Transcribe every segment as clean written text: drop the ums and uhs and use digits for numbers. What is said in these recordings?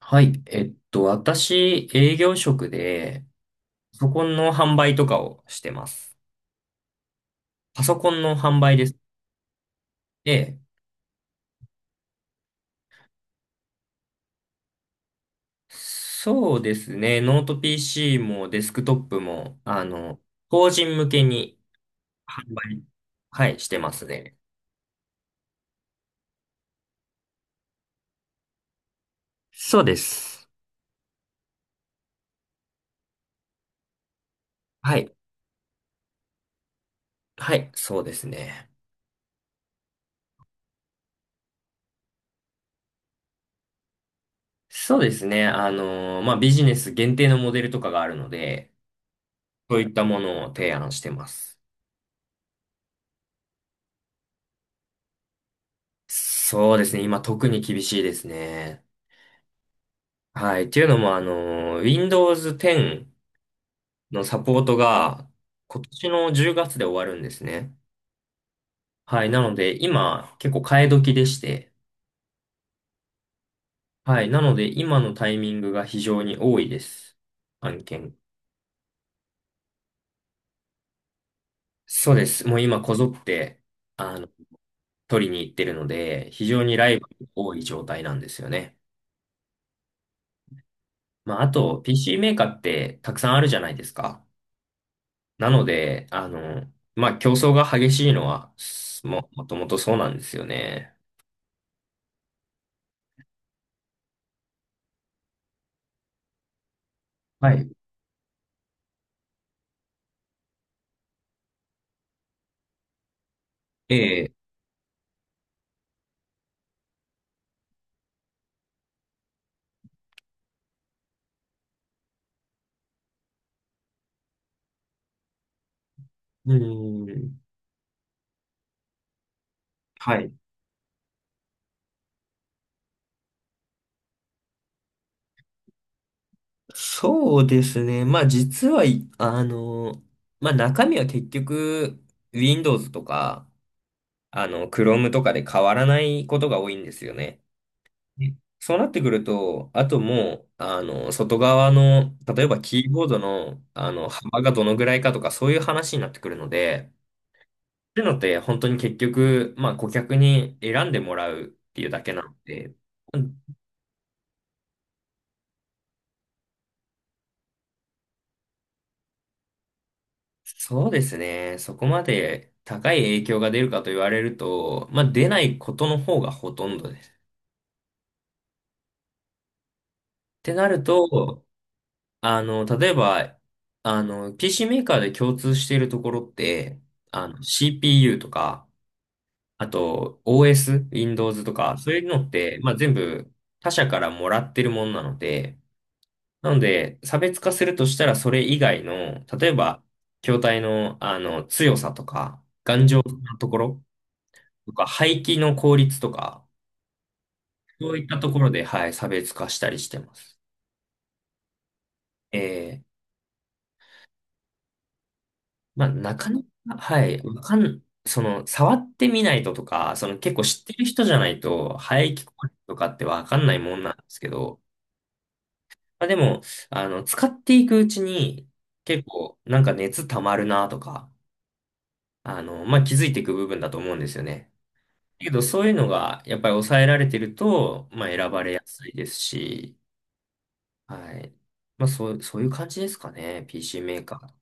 はい。私、営業職で、パソコンの販売とかをしてます。パソコンの販売です。で、そうですね。ノート PC もデスクトップも、法人向けに販売、はい、してますね。そうです。はい。はい、そうですね。そうですね。ビジネス限定のモデルとかがあるので、そういったものを提案してます。そうですね。今特に厳しいですね。はい。っていうのも、Windows 10のサポートが今年の10月で終わるんですね。はい。なので、今、結構替え時でして。はい。なので、今のタイミングが非常に多いです。案件。そうです。もう今、こぞって、あの、取りに行ってるので、非常にライバルが多い状態なんですよね。あと、PC メーカーってたくさんあるじゃないですか。なので、競争が激しいのは、もともとそうなんですよね。はい。ええ、うーん。はい。そうですね。実は、いあの、まあ中身は結局 Windows とか、Chrome とかで変わらないことが多いんですよね。ね、そうなってくると、あともう、外側の、例えばキーボードの、幅がどのぐらいかとか、そういう話になってくるので、っていうのって、本当に結局、顧客に選んでもらうっていうだけなので、そうですね。そこまで高い影響が出るかと言われると、出ないことの方がほとんどです。ってなると、あの、例えば、あの、PC メーカーで共通しているところって、CPU とか、あと OS、Windows とか、そういうのって、全部他社からもらってるものなので、なので、差別化するとしたらそれ以外の、例えば、筐体の、強さとか、ところ、とか、廃棄の効率とか、そういったところで、はい、差別化したりしてます。ええ、なかなか、はい、わかん、その、触ってみないととか、その結構知ってる人じゃないと、排気効率とかってわかんないもんなんですけど、でも、使っていくうちに、結構、なんか熱溜まるなとか、気づいていく部分だと思うんですよね。けど、そういうのが、やっぱり抑えられてると、選ばれやすいですし、はい。そういう感じですかね。PC メーカー。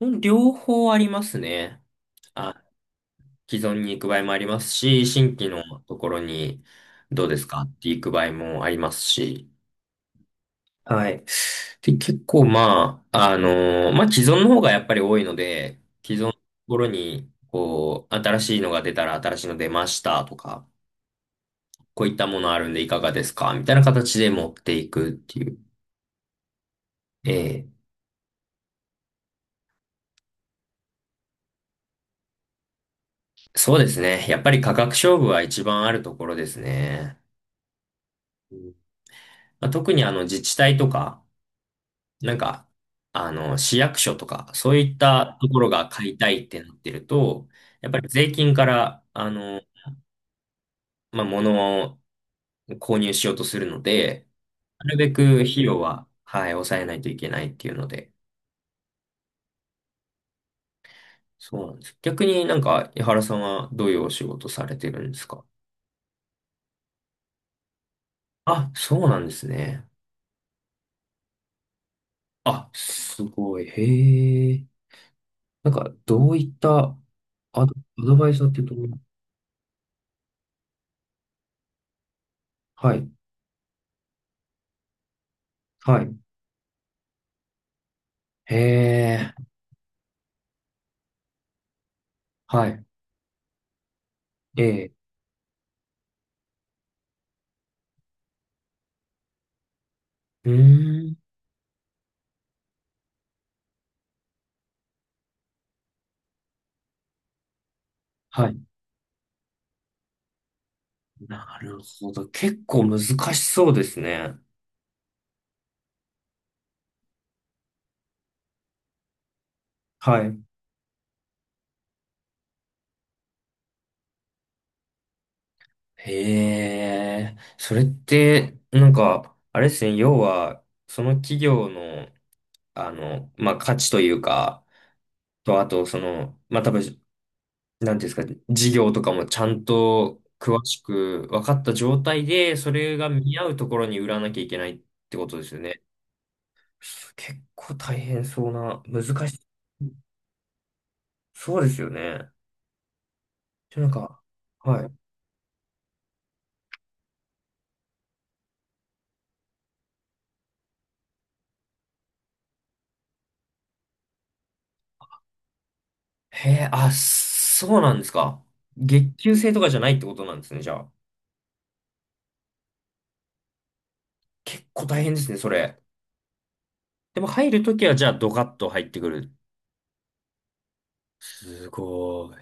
うん、両方ありますね。あ、既存に行く場合もありますし、新規のところにどうですかって行く場合もありますし。はい。で、結構既存の方がやっぱり多いので、既存のところに、こう、新しいのが出たら新しいの出ましたとか、こういったものあるんでいかがですかみたいな形で持っていくっていう。ええ、そうですね。やっぱり価格勝負は一番あるところですね。うん、特にあの自治体とか、なんか、あの市役所とか、そういったところが買いたいってなってると、やっぱり税金から、物を購入しようとするので、なるべく費用は、はい、抑えないといけないっていうので、そうなんです。逆になんか、井原さんはどういうお仕事されてるんですか？あ、そうなんですね。あ、すごい。へえ。なんか、どういったアドバイザーっていうと、はい、はい、へえ、はい、ええ、うーん、はい。なるほど。結構難しそうですね。はい。へえ、それって、なんか、あれですね、要は、その企業の、価値というか、と、あと、その、多分、なんていうんですか、事業とかもちゃんと詳しく分かった状態で、それが見合うところに売らなきゃいけないってことですよね。結構大変そうな、難しい。そうですよね。じゃなんか、はい。へえ、あ、そうなんですか。月給制とかじゃないってことなんですね、じゃあ。結構大変ですね、それ。でも入るときは、じゃあドカッと入ってくる。すごい。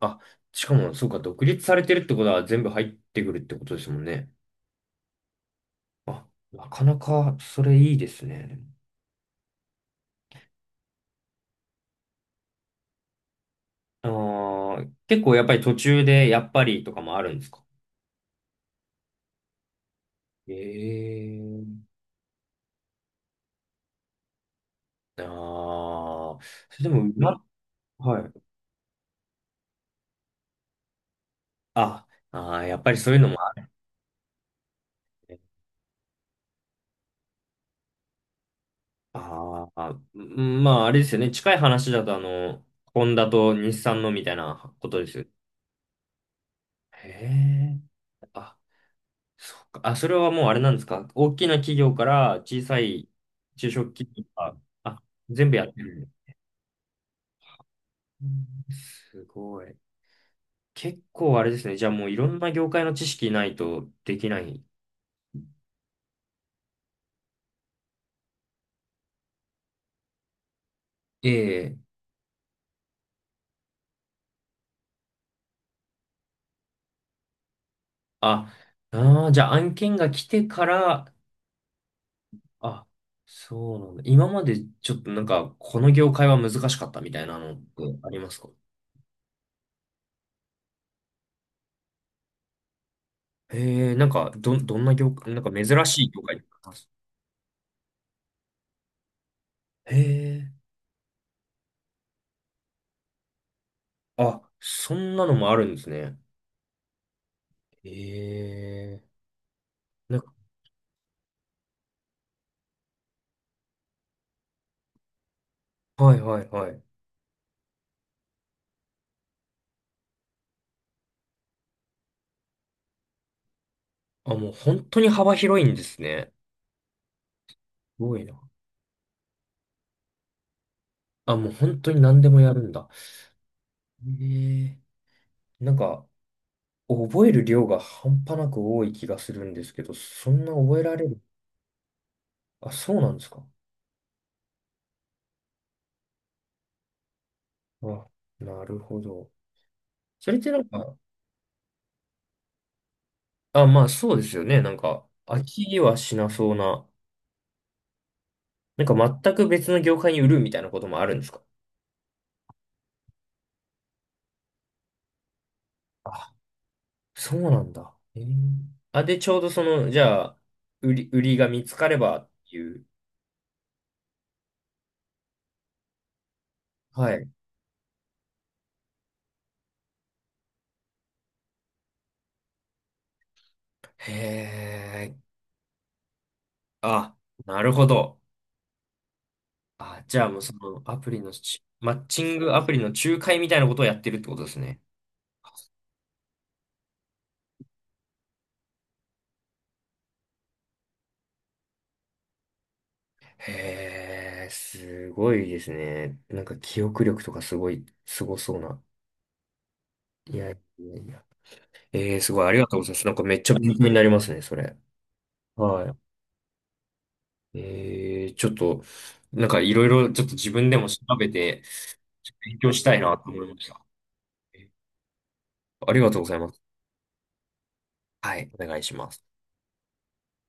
あ、しかも、そうか、独立されてるってことは全部入ってくるってことですもんね。あ、なかなかそれいいですね。あー、結構やっぱり途中でやっぱりとかもあるんですか？ええー、ああー、それでも、な、はい。あ、あー、やっぱりそういうのもあるね。ああ、うん、あれですよね。近い話だとホンダと日産のみたいなことですよ。へえ。あ、あ、それはもうあれなんですか？大きな企業から小さい中小企業が、あ、全部やってる。うん、すごい。結構あれですね。じゃあもういろんな業界の知識ないとできない。ええ。あ、ああ、じゃあ案件が来てから、あ、そうなんだ。今までちょっとなんか、この業界は難しかったみたいなのってありますか？ええ、なんか、どんな業界、なんか珍しい業界とかあります？へえ。あ、そんなのもあるんですね。ええ。なんか、はいはいはい。あ、もう本当に幅広いんですね。すごいな。あ、もう本当に何でもやるんだ。ええ。なんか、覚える量が半端なく多い気がするんですけど、そんな覚えられる？あ、そうなんですか。あ、なるほど。それってなんか、あ、そうですよね。なんか、飽きはしなそうな、なんか全く別の業界に売るみたいなこともあるんですか？あ、そうなんだ。えー、あ、で、ちょうどその、じゃあ、売りが見つかればっていう。はい。へえ。あ、なるほど。あ、じゃあもうそのアプリのマッチングアプリの仲介みたいなことをやってるってことですね。へえ、すごいですね。なんか記憶力とかすごい、すごそうな。いやいやいや。えー、すごい、ありがとうございます。なんかめっちゃ勉強になりますね、それ。はい。えー、ちょっと、なんかいろいろちょっと自分でも調べて、勉強したいなと思いました。ありがとうございます。はい、お願いします。